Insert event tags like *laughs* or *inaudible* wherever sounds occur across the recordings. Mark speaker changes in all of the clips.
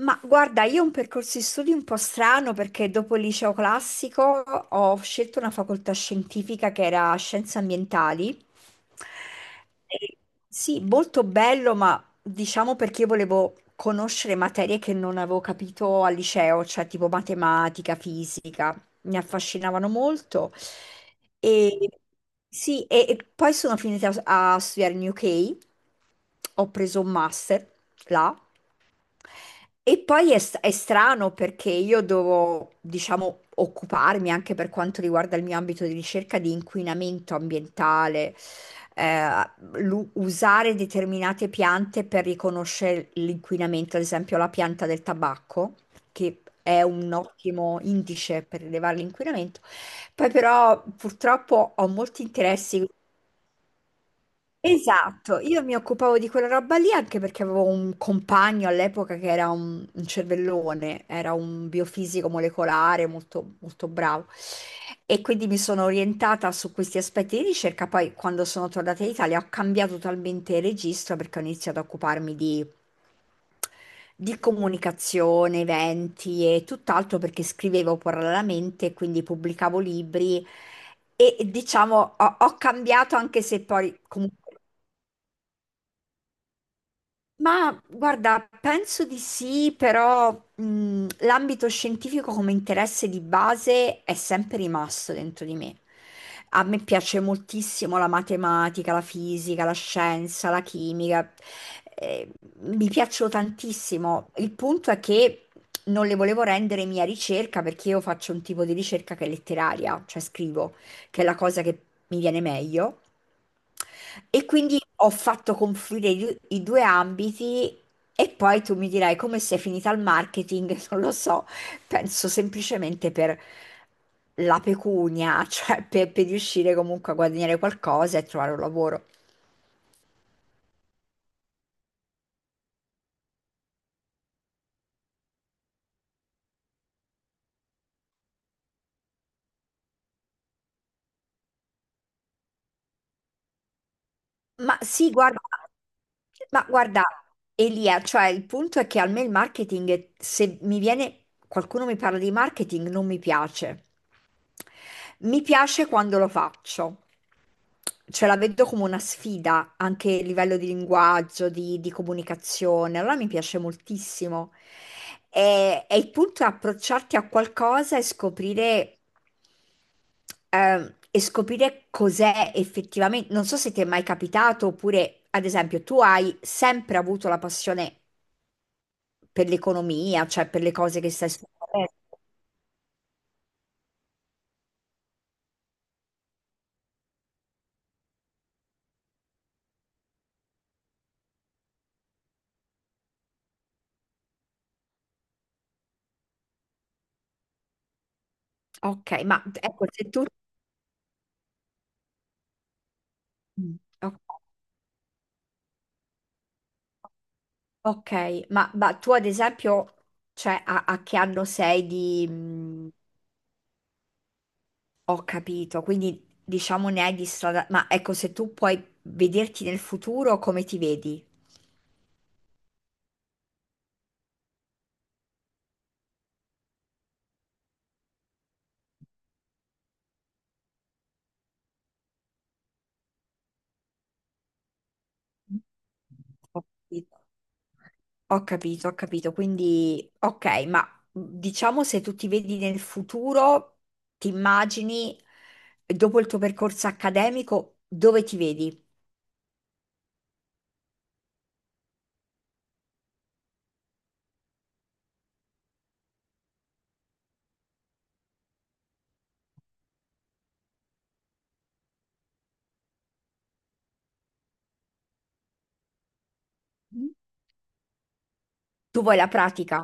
Speaker 1: Ma guarda, io ho un percorso di studi un po' strano perché dopo il liceo classico ho scelto una facoltà scientifica che era scienze ambientali. E sì, molto bello, ma diciamo perché io volevo conoscere materie che non avevo capito al liceo, cioè tipo matematica, fisica, mi affascinavano molto. E sì, e poi sono finita a studiare in UK, ho preso un master là. E poi è strano perché io devo, diciamo, occuparmi anche per quanto riguarda il mio ambito di ricerca di inquinamento ambientale, eh, usare determinate piante per riconoscere l'inquinamento, ad esempio la pianta del tabacco, che è un ottimo indice per rilevare l'inquinamento. Poi però purtroppo ho molti interessi. Esatto, io mi occupavo di quella roba lì anche perché avevo un compagno all'epoca che era un cervellone, era un biofisico molecolare molto, molto bravo e quindi mi sono orientata su questi aspetti di ricerca. Poi quando sono tornata in Italia ho cambiato totalmente registro perché ho iniziato a occuparmi di comunicazione, eventi e tutt'altro perché scrivevo parallelamente, quindi pubblicavo libri e diciamo ho cambiato anche se poi comunque. Ma guarda, penso di sì, però l'ambito scientifico come interesse di base è sempre rimasto dentro di me. A me piace moltissimo la matematica, la fisica, la scienza, la chimica. eh, mi piacciono tantissimo. Il punto è che non le volevo rendere mia ricerca perché io faccio un tipo di ricerca che è letteraria, cioè scrivo, che è la cosa che mi viene meglio. E quindi ho fatto confluire i due ambiti e poi tu mi dirai come sei finita al marketing, *laughs* non lo so, penso semplicemente per la pecunia, *laughs* cioè per riuscire comunque a guadagnare qualcosa e trovare un lavoro. Ma sì, guarda, ma guarda, Elia, cioè il punto è che a me il marketing, se mi viene qualcuno mi parla di marketing, non mi piace. Mi piace quando lo faccio, cioè la vedo come una sfida anche a livello di linguaggio, di comunicazione, allora mi piace moltissimo. E il punto è approcciarti a qualcosa e scoprire cos'è effettivamente. Non so se ti è mai capitato, oppure, ad esempio, tu hai sempre avuto la passione per l'economia, cioè per le cose che stai studiando. Ok, ma ecco, se tu. Mm. Ok, ok, ma tu ad esempio, cioè, a che anno sei di. Ho capito, quindi diciamo ne hai di strada. Ma ecco, se tu puoi vederti nel futuro, come ti vedi? Ho capito. Ho capito, ho capito. Quindi, ok, ma diciamo se tu ti vedi nel futuro, ti immagini dopo il tuo percorso accademico, dove ti vedi? Mm. Tu vuoi la pratica?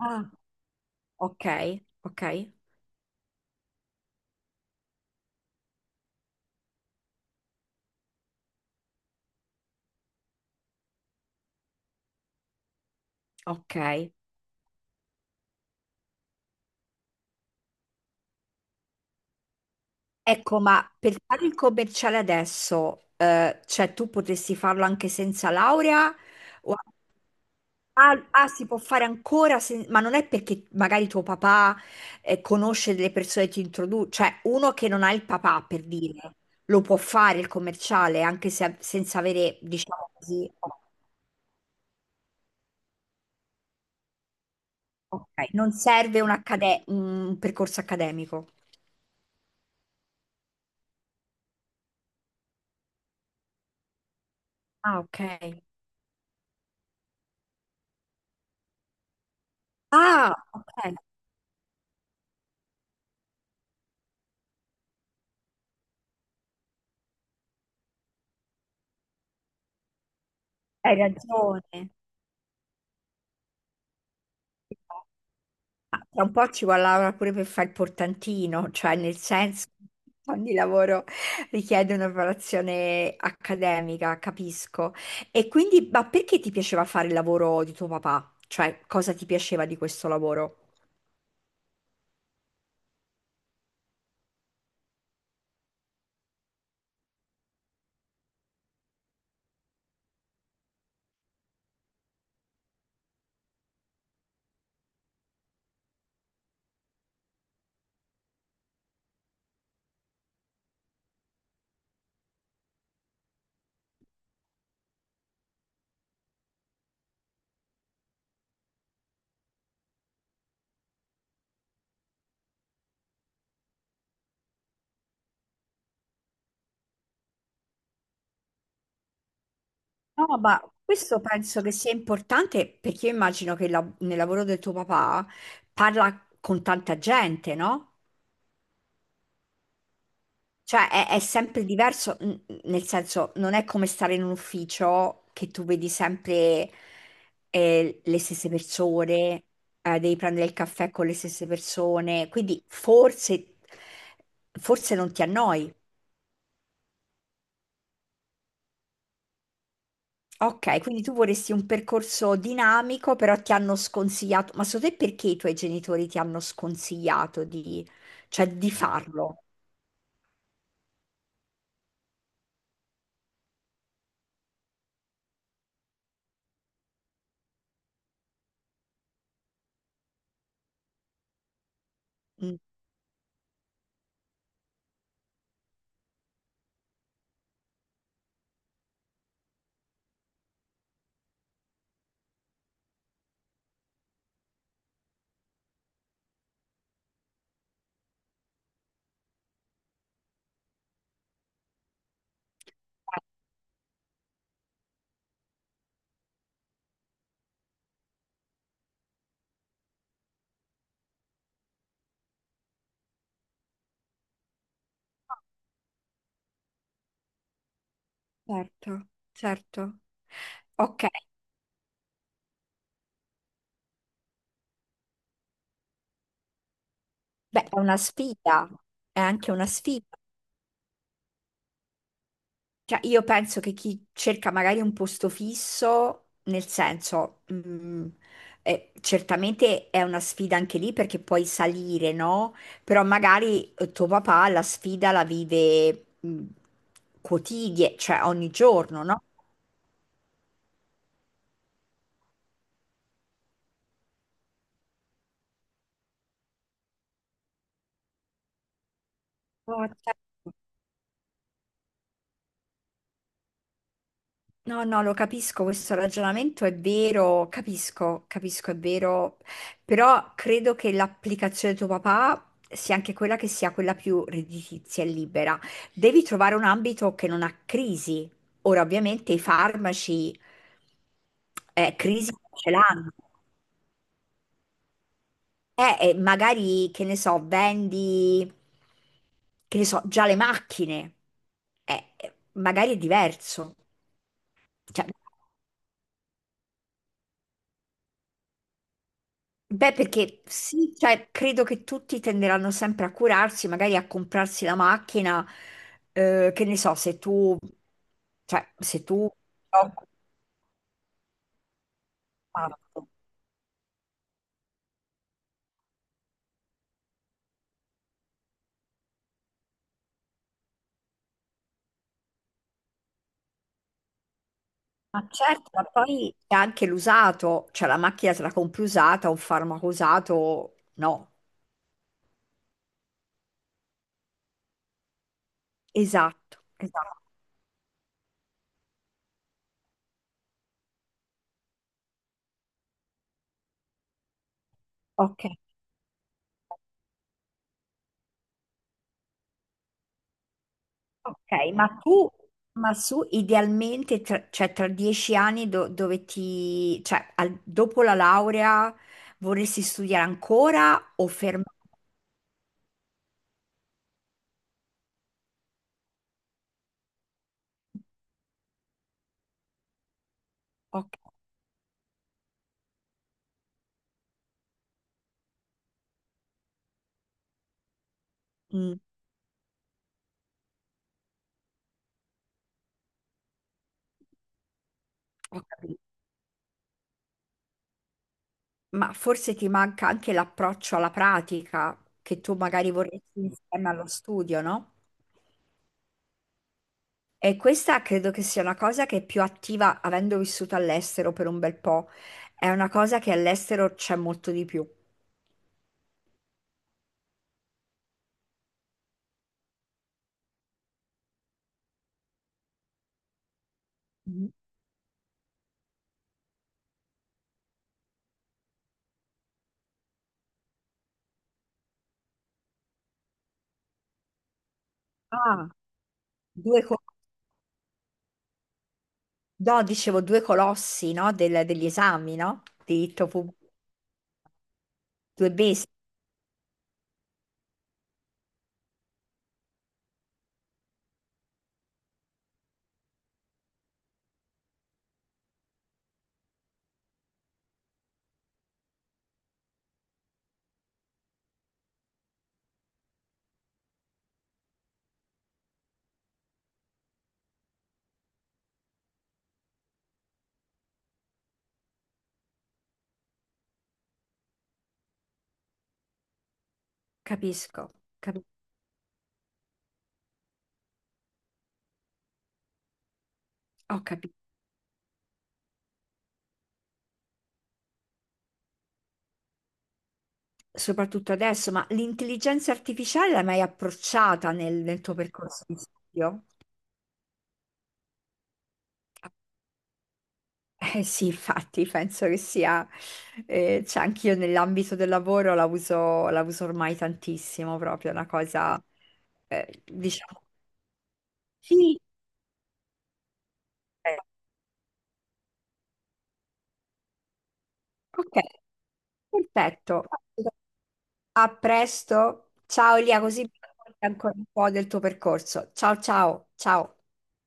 Speaker 1: Ah, ok, ok, ok. Ecco, ma per fare il commerciale adesso, cioè tu potresti farlo anche senza laurea? O- ah, ah, si può fare ancora, ma non è perché magari tuo papà, conosce delle persone e ti introduce, cioè uno che non ha il papà, per dire, lo può fare il commerciale anche senza avere, diciamo così, ok, non serve un percorso accademico. Ah, ok. Ah, ok, hai ragione. Ma tra un po' ci vuole Laura pure per fare il portantino, cioè nel senso che ogni lavoro richiede una preparazione accademica, capisco. E quindi, ma perché ti piaceva fare il lavoro di tuo papà? Cioè, cosa ti piaceva di questo lavoro? No, ma questo penso che sia importante perché io immagino che nel lavoro del tuo papà parla con tanta gente, no? Cioè, è sempre diverso, nel senso, non è come stare in un ufficio che tu vedi sempre le stesse persone, devi prendere il caffè con le stesse persone, quindi forse non ti annoi. Ok, quindi tu vorresti un percorso dinamico, però ti hanno sconsigliato. Ma secondo te perché i tuoi genitori ti hanno sconsigliato di, cioè, di farlo? Mm, certo, certo. Ok. Beh, è una sfida, è anche una sfida. Cioè, io penso che chi cerca magari un posto fisso, nel senso, certamente è una sfida anche lì perché puoi salire, no? Però magari tuo papà la sfida la vive, cioè ogni giorno, no? Oh, certo. No, no, lo capisco, questo ragionamento è vero, capisco, capisco, è vero, però credo che l'applicazione di tuo papà sia anche quella che sia quella più redditizia e libera. Devi trovare un ambito che non ha crisi. Ora, ovviamente, i farmaci crisi ce l'hanno. Magari, che ne so, vendi, che ne so, già le macchine. Magari è diverso. Cioè, beh, perché sì, cioè, credo che tutti tenderanno sempre a curarsi, magari a comprarsi la macchina, che ne so, se tu, cioè, se tu. Ma certo, ma poi c'è anche l'usato, cioè la macchina te la compri usata, un farmaco usato, no. Esatto, esatto. Ok. Ok, ma su idealmente, tra, cioè tra 10 anni dove ti, cioè dopo la laurea vorresti studiare ancora o fermare? Ok, mm, ho capito. Ma forse ti manca anche l'approccio alla pratica che tu magari vorresti insieme allo studio, no? E questa credo che sia una cosa che è più attiva, avendo vissuto all'estero per un bel po', è una cosa che all'estero c'è molto di più. Mhm. Ah, due cose. No, dicevo due colossi, no? Degli esami, no? Diritto pubblico, due basi. Capisco, capi- ho capito, soprattutto adesso, ma l'intelligenza artificiale l'hai mai approcciata nel tuo percorso di studio? Eh sì, infatti, penso che sia, cioè anch'io nell'ambito del lavoro la uso ormai tantissimo, proprio è una cosa, diciamo, sì, eh, ok, perfetto. A presto. Ciao Elia, così mi racconti ancora un po' del tuo percorso. Ciao, ciao, ciao.